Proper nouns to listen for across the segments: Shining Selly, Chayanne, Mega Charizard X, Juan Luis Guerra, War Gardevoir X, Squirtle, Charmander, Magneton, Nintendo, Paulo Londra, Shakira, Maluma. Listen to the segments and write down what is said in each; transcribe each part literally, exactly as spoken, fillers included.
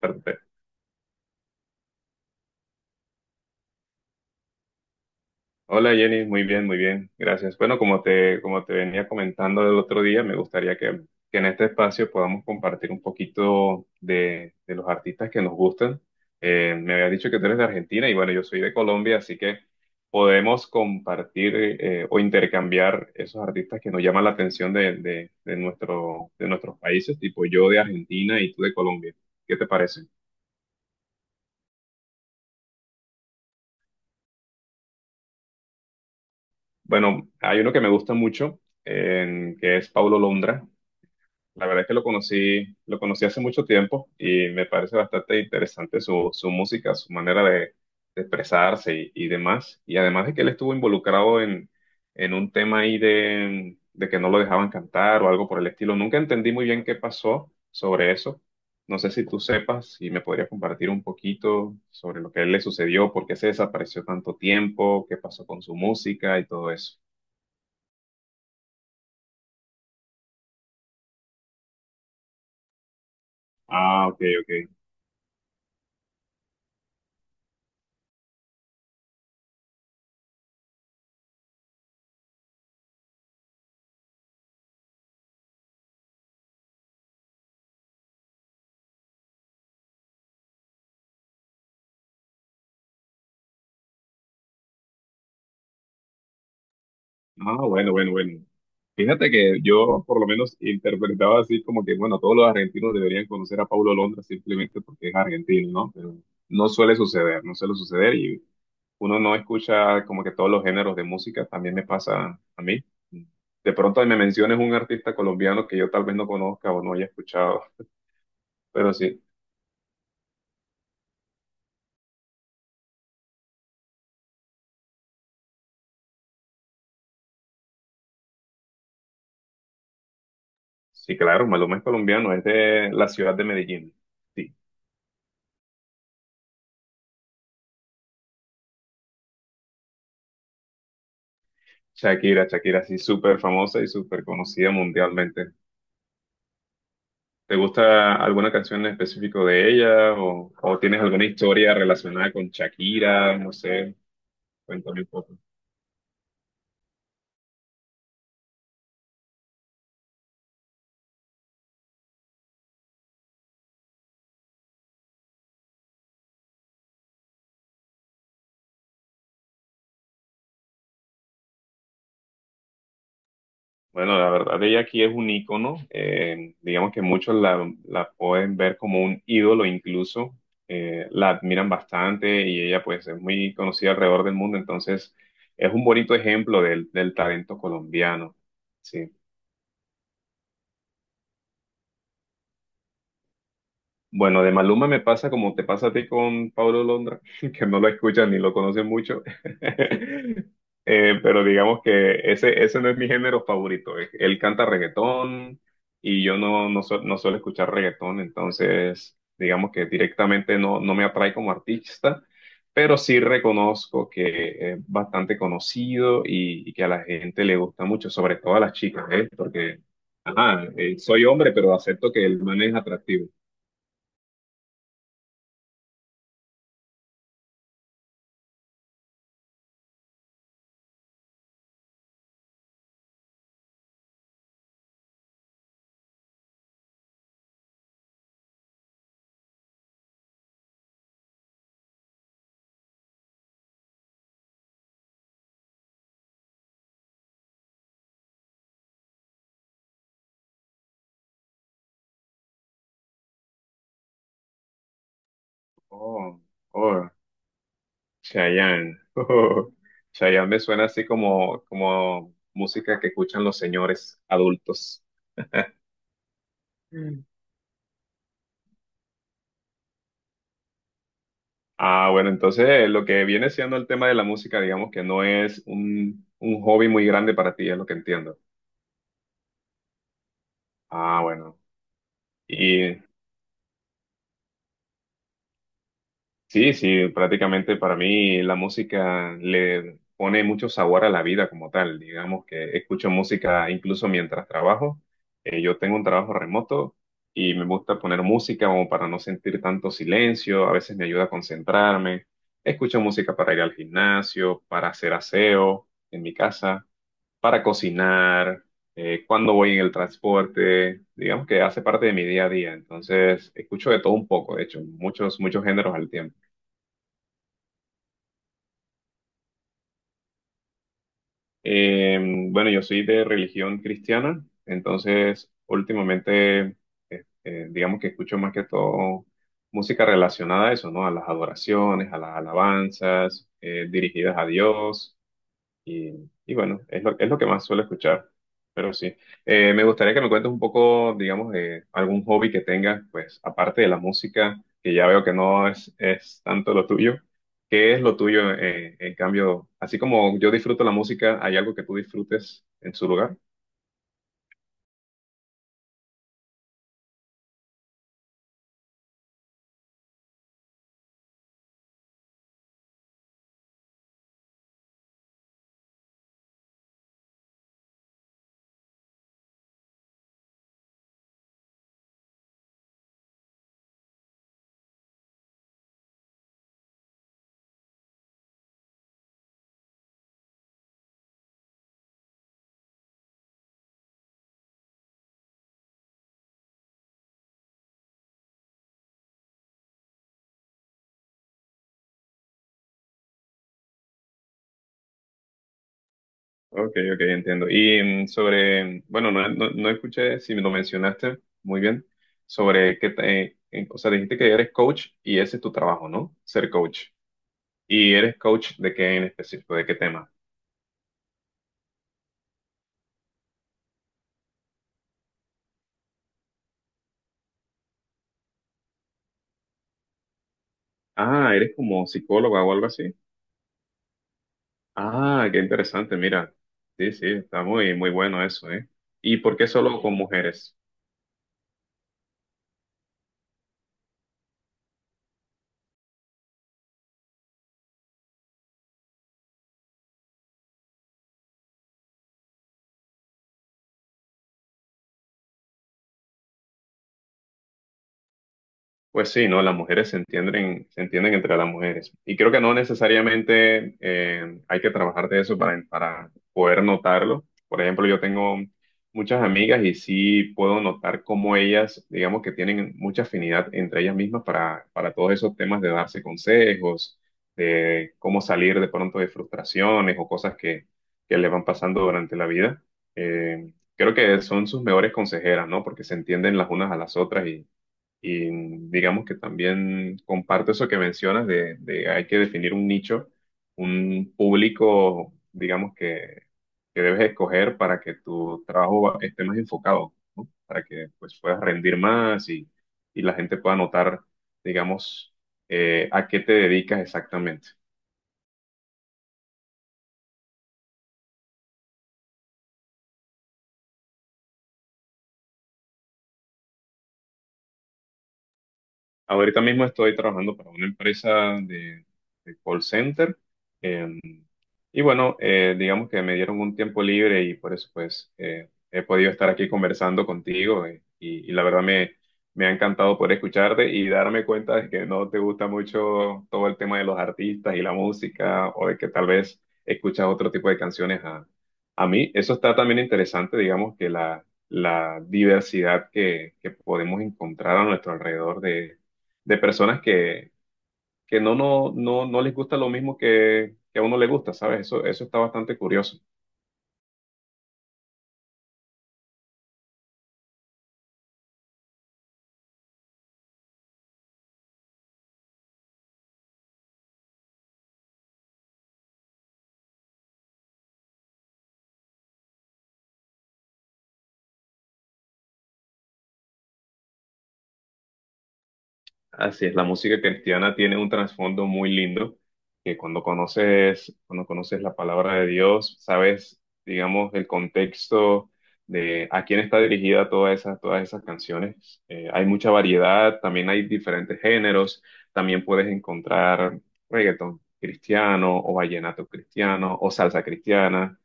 Perfecto. Hola Jenny, muy bien, muy bien, gracias. Bueno, como te, como te venía comentando el otro día, me gustaría que, que en este espacio podamos compartir un poquito de, de los artistas que nos gustan. Eh, me había dicho que tú eres de Argentina y bueno, yo soy de Colombia, así que podemos compartir eh, o intercambiar esos artistas que nos llaman la atención de, de, de nuestro, de nuestros países, tipo yo de Argentina y tú de Colombia. ¿Qué te parece? Bueno, hay uno que me gusta mucho, eh, que es Paulo Londra. La verdad es que lo conocí, lo conocí hace mucho tiempo y me parece bastante interesante su, su música, su manera de, de expresarse y, y demás. Y además de que él estuvo involucrado en, en un tema ahí de, de que no lo dejaban cantar o algo por el estilo. Nunca entendí muy bien qué pasó sobre eso. No sé si tú sepas y me podrías compartir un poquito sobre lo que a él le sucedió, por qué se desapareció tanto tiempo, qué pasó con su música y todo eso. Ah, ok, ok. Ah, bueno, bueno, bueno. Fíjate que yo por lo menos interpretaba así como que, bueno, todos los argentinos deberían conocer a Paulo Londra simplemente porque es argentino, ¿no? Pero no suele suceder, no suele suceder y uno no escucha como que todos los géneros de música, también me pasa a mí. De pronto me menciones un artista colombiano que yo tal vez no conozca o no haya escuchado, pero sí, sí, claro, Maluma es colombiano, es de la ciudad de Medellín. Sí, Shakira, Shakira, sí, súper famosa y súper conocida mundialmente. ¿Te gusta alguna canción en específico de ella o, o tienes alguna historia relacionada con Shakira? No sé, cuéntame un poco. Bueno, la verdad, ella aquí es un ícono. Eh, digamos que muchos la, la pueden ver como un ídolo incluso. Eh, la admiran bastante y ella pues es muy conocida alrededor del mundo. Entonces, es un bonito ejemplo del, del talento colombiano. Sí. Bueno, de Maluma me pasa como te pasa a ti con Paulo Londra, que no lo escuchas ni lo conoces mucho. Eh, pero digamos que ese, ese no es mi género favorito. Eh, Él canta reggaetón y yo no, no, su- no suelo escuchar reggaetón, entonces digamos que directamente no, no me atrae como artista, pero sí reconozco que es bastante conocido y, y que a la gente le gusta mucho, sobre todo a las chicas, ¿eh? Porque, ajá, eh, soy hombre, pero acepto que el man es atractivo. Oh, oh, Chayanne. Oh, Chayanne me suena así como, como música que escuchan los señores adultos. Mm. Ah, bueno, entonces lo que viene siendo el tema de la música, digamos que no es un, un hobby muy grande para ti, es lo que entiendo. Ah, bueno. Y sí, sí, prácticamente para mí la música le pone mucho sabor a la vida como tal. Digamos que escucho música incluso mientras trabajo. Eh, yo tengo un trabajo remoto y me gusta poner música como para no sentir tanto silencio. A veces me ayuda a concentrarme. Escucho música para ir al gimnasio, para hacer aseo en mi casa, para cocinar, eh, cuando voy en el transporte. Digamos que hace parte de mi día a día. Entonces, escucho de todo un poco, de hecho, muchos, muchos géneros al tiempo. Eh, bueno, yo soy de religión cristiana, entonces últimamente, eh, eh, digamos que escucho más que todo música relacionada a eso, ¿no? A las adoraciones, a las alabanzas, eh, dirigidas a Dios. Y, y bueno, es lo, es lo que más suelo escuchar, pero sí. Eh, me gustaría que me cuentes un poco, digamos, de algún hobby que tengas, pues aparte de la música, que ya veo que no es, es tanto lo tuyo. ¿Qué es lo tuyo, eh, en cambio? Así como yo disfruto la música, ¿hay algo que tú disfrutes en su lugar? Ok, ok, entiendo. Y mm, sobre, bueno, no, no, no escuché si me lo mencionaste muy bien, sobre qué, te- eh, o sea, dijiste que eres coach y ese es tu trabajo, ¿no? Ser coach. ¿Y eres coach de qué en específico? ¿De qué tema? Ah, eres como psicóloga o algo así. Ah, qué interesante, mira. Sí, sí, está muy, muy bueno eso, ¿eh? ¿Y por qué solo con mujeres? Pues sí, ¿no? Las mujeres se entienden, se entienden entre las mujeres. Y creo que no necesariamente eh, hay que trabajar de eso para, para poder notarlo. Por ejemplo, yo tengo muchas amigas y sí puedo notar cómo ellas, digamos que tienen mucha afinidad entre ellas mismas para, para todos esos temas de darse consejos, de cómo salir de pronto de frustraciones o cosas que, que le van pasando durante la vida. Eh, creo que son sus mejores consejeras, ¿no? Porque se entienden las unas a las otras y digamos que también comparto eso que mencionas de, de hay que definir un nicho, un público, digamos que, que debes escoger para que tu trabajo va- esté más enfocado, ¿no? Para que pues puedas rendir más y, y la gente pueda notar, digamos, eh, a qué te dedicas exactamente. Ahorita mismo estoy trabajando para una empresa de, de call center. em, y bueno, eh, digamos que me dieron un tiempo libre y por eso pues eh, he podido estar aquí conversando contigo eh, y, y la verdad me, me ha encantado poder escucharte y darme cuenta de que no te gusta mucho todo el tema de los artistas y la música o de que tal vez escuchas otro tipo de canciones a, a mí. Eso está también interesante, digamos que la la diversidad que, que podemos encontrar a nuestro alrededor de personas que, que no, no, no, no les gusta lo mismo que, que a uno le gusta, ¿sabes? Eso, eso está bastante curioso. Así es, la música cristiana tiene un trasfondo muy lindo, que cuando conoces, cuando conoces la palabra de Dios, sabes, digamos, el contexto de a quién está dirigida todas esas, todas esas canciones. Eh, hay mucha variedad, también hay diferentes géneros, también puedes encontrar reggaetón cristiano o vallenato cristiano o salsa cristiana.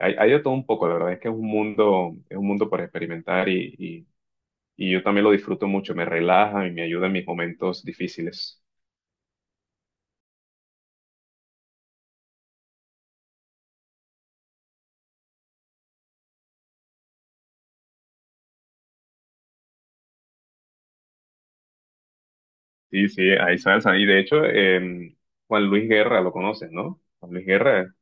Hay, hay de todo un poco, la verdad es que es un mundo, es un mundo por experimentar y yo también lo disfruto mucho, me relaja y me ayuda en mis momentos difíciles. Sí, sí, ahí salsa. Y de hecho, em, Juan Luis Guerra lo conoces, ¿no? Juan Luis Guerra,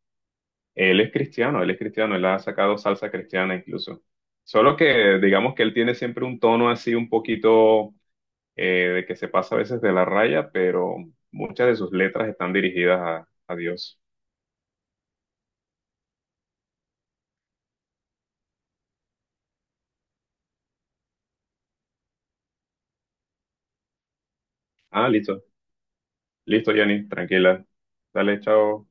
él es cristiano, él es cristiano, él ha sacado salsa cristiana incluso. Solo que digamos que él tiene siempre un tono así un poquito eh, de que se pasa a veces de la raya, pero muchas de sus letras están dirigidas a, a Dios. Ah, listo, listo, Jenny, tranquila. Dale, chao.